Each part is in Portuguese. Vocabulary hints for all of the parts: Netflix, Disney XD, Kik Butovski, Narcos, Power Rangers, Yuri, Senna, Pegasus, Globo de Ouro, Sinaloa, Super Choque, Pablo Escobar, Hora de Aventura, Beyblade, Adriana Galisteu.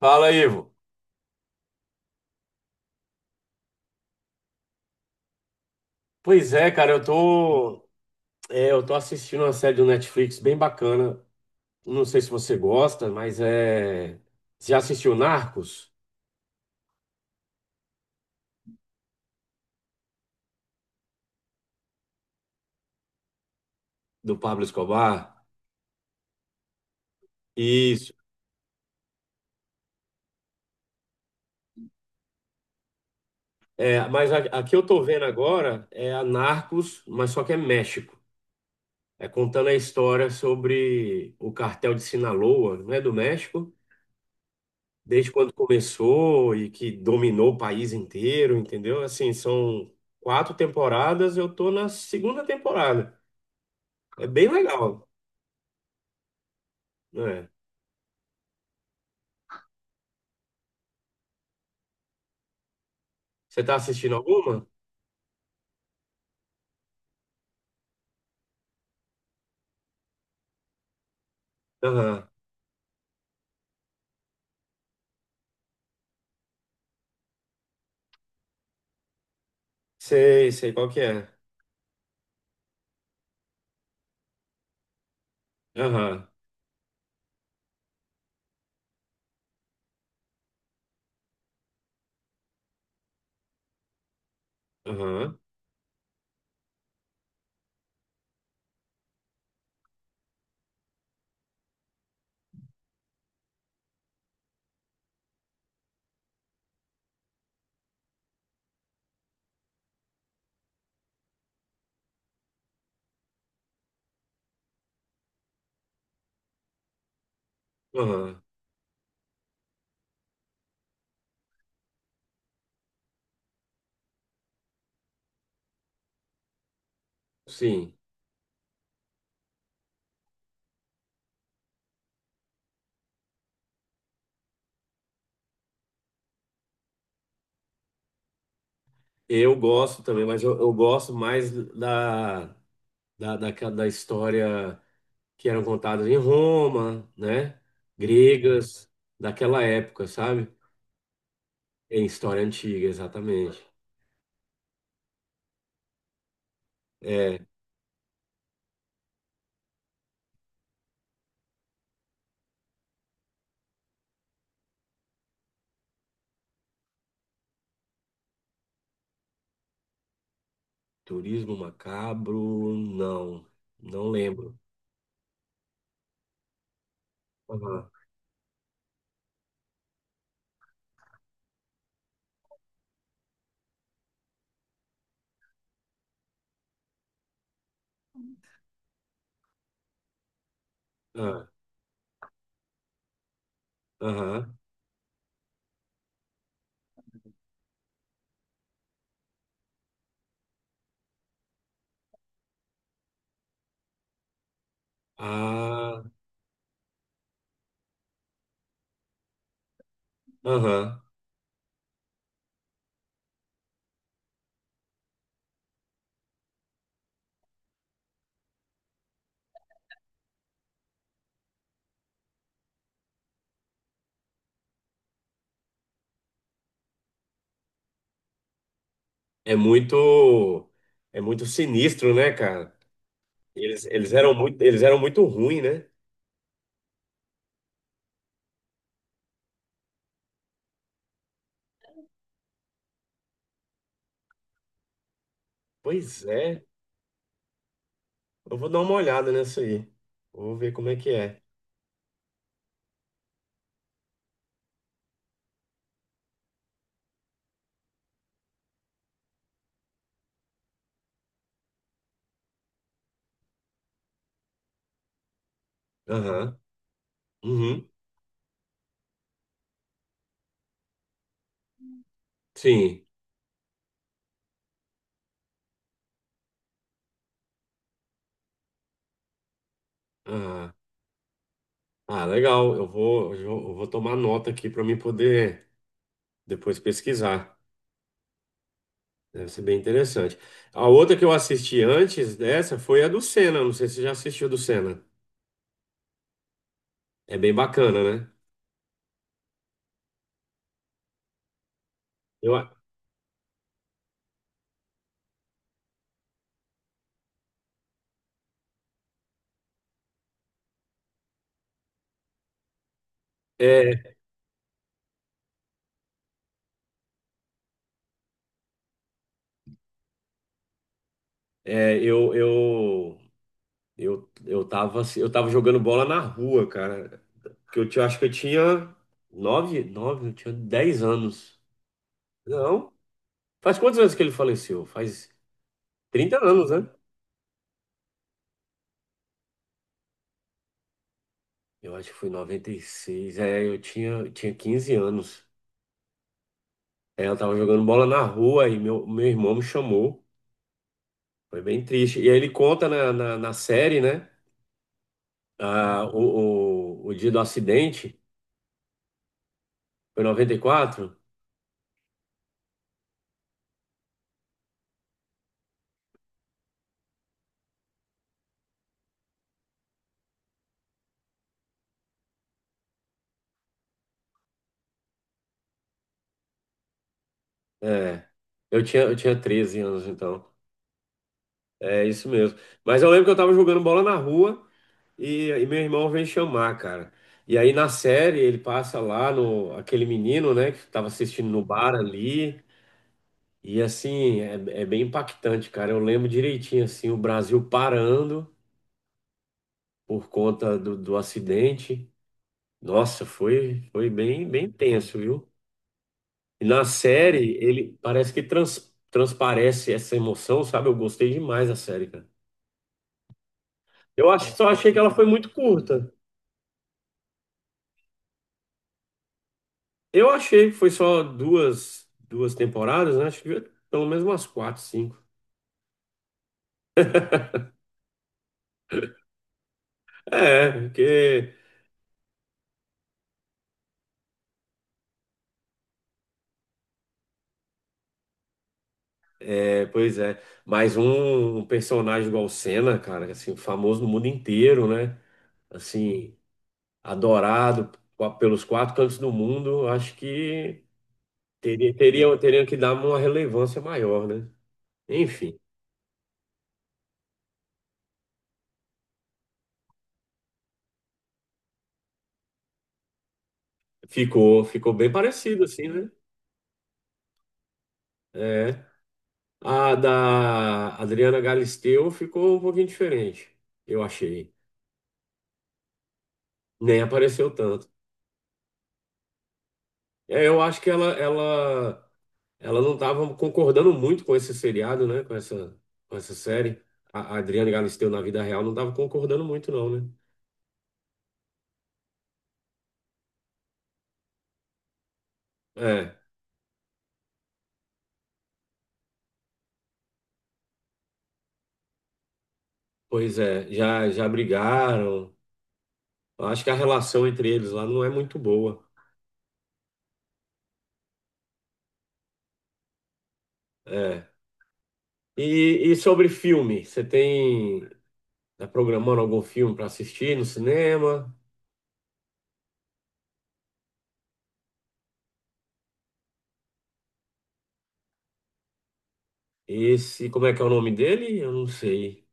Fala, Ivo. Pois é, cara, eu tô, eu tô assistindo uma série do Netflix bem bacana. Não sei se você gosta, mas é. Você já assistiu Narcos, do Pablo Escobar? Isso. É, mas a que eu tô vendo agora é a Narcos, mas só que é México. É contando a história sobre o cartel de Sinaloa, não é do México, desde quando começou e que dominou o país inteiro, entendeu? Assim, são quatro temporadas, eu tô na segunda temporada. É bem legal. Né? Você tá assistindo alguma? Aham. Sei, sei qual que é. Aham, aham, aham. Sim. Eu gosto também, mas eu gosto mais da, da, história que eram contadas em Roma, né? Gregas, daquela época, sabe? Em história antiga, exatamente. É, turismo macabro, não. Não lembro. Aham, ah, aham. Ah, aham. É muito, é muito sinistro, né, cara? Eles eram muito, eles eram muito ruins, né? Pois é. Eu vou dar uma olhada nessa aí. Vou ver como é que é. Aham. Uhum. Sim. Ah, ah, legal. Eu vou tomar nota aqui para mim poder depois pesquisar. Deve ser bem interessante. A outra que eu assisti antes dessa foi a do Senna. Não sei se você já assistiu a do Senna. É bem bacana, né? Eu, a- é, eu eu tava, eu tava jogando bola na rua, cara. Que eu, acho que eu tinha nove, nove, eu tinha dez anos. Não. Faz quantos anos que ele faleceu? Faz 30 anos, né? Eu acho que foi em 96. É, eu tinha 15 anos. É, eu tava jogando bola na rua e meu irmão me chamou. Foi bem triste. E aí ele conta na, na série, né? Ah, o dia do acidente. Foi em 94? Eu tinha 13 anos, então. É isso mesmo. Mas eu lembro que eu tava jogando bola na rua e meu irmão vem chamar, cara. E aí na série ele passa lá no aquele menino, né, que tava assistindo no bar ali. E assim, é, é bem impactante, cara. Eu lembro direitinho assim, o Brasil parando por conta do acidente. Nossa, foi bem tenso, viu? E na série ele parece que transparece essa emoção, sabe? Eu gostei demais da série, cara. Eu acho, só achei que ela foi muito curta. Eu achei que foi só duas, duas temporadas, né? Acho que devia ter pelo menos umas quatro, cinco. É, porque. É, pois é. Mais um, um personagem igual o Senna, cara, assim, famoso no mundo inteiro, né? Assim, adorado pelos quatro cantos do mundo. Acho que teria que dar uma relevância maior, né? Enfim, ficou, ficou bem parecido, assim, né? É. A da Adriana Galisteu ficou um pouquinho diferente, eu achei. Nem apareceu tanto. É, eu acho que ela não estava concordando muito com esse seriado, né? Com essa série. A Adriane Galisteu na vida real não estava concordando muito, não, né? É, pois é, já brigaram. Eu acho que a relação entre eles lá não é muito boa. É. E sobre filme, você tem, tá programando algum filme para assistir no cinema? Esse, como é que é o nome dele? Eu não sei.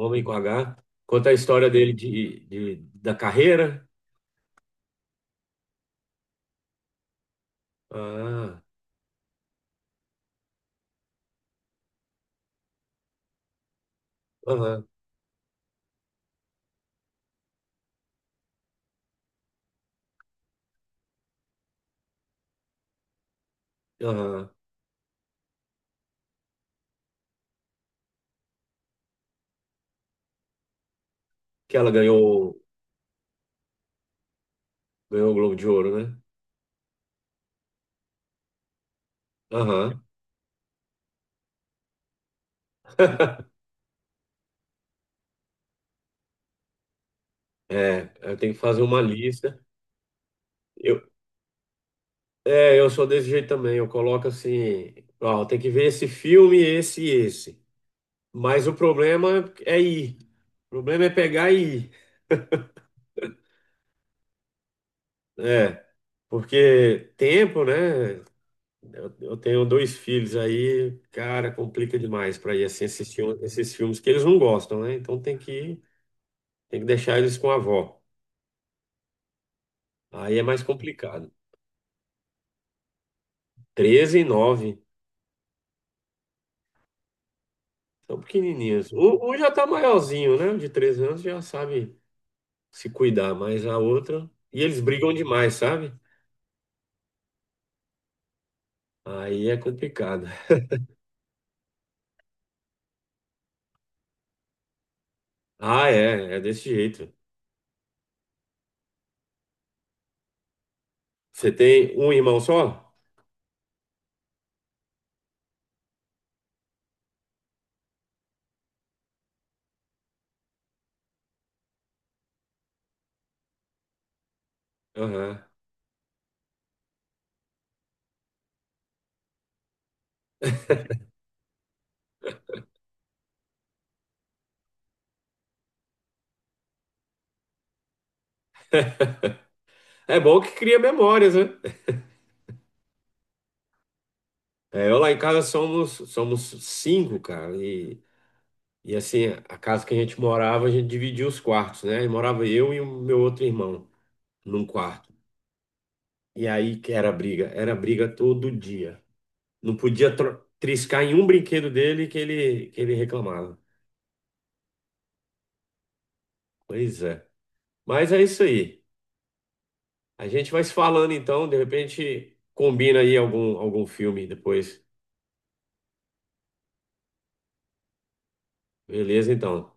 Homem com H. Conta a história dele de, da carreira. Ah, aham, aham. Que ela ganhou, ganhou o Globo de Ouro, né? Aham. É, eu tenho que fazer uma lista. Eu, eu sou desse jeito também. Eu coloco assim, ó, tem que ver esse filme, esse e esse. Mas o problema é ir. O problema é pegar e ir. É, porque tempo, né? Eu tenho dois filhos aí, cara, complica demais para ir assim assistir esses filmes que eles não gostam, né? Então tem que deixar eles com a avó. Aí é mais complicado. 13 e 9, são pequenininhos. Um já tá maiorzinho, né? O de 13 anos já sabe se cuidar, mas a outra. E eles brigam demais, sabe? Aí é complicado. Ah, é, é desse jeito. Você tem um irmão só? Aham. É bom que cria memórias, né? É, eu lá em casa somos, somos cinco, cara. E assim, a casa que a gente morava, a gente dividia os quartos, né? E morava eu e o meu outro irmão num quarto. E aí que era briga todo dia. Não podia triscar em um brinquedo dele que ele reclamava. Pois é. Mas é isso aí. A gente vai se falando então, de repente combina aí algum, algum filme depois. Beleza, então.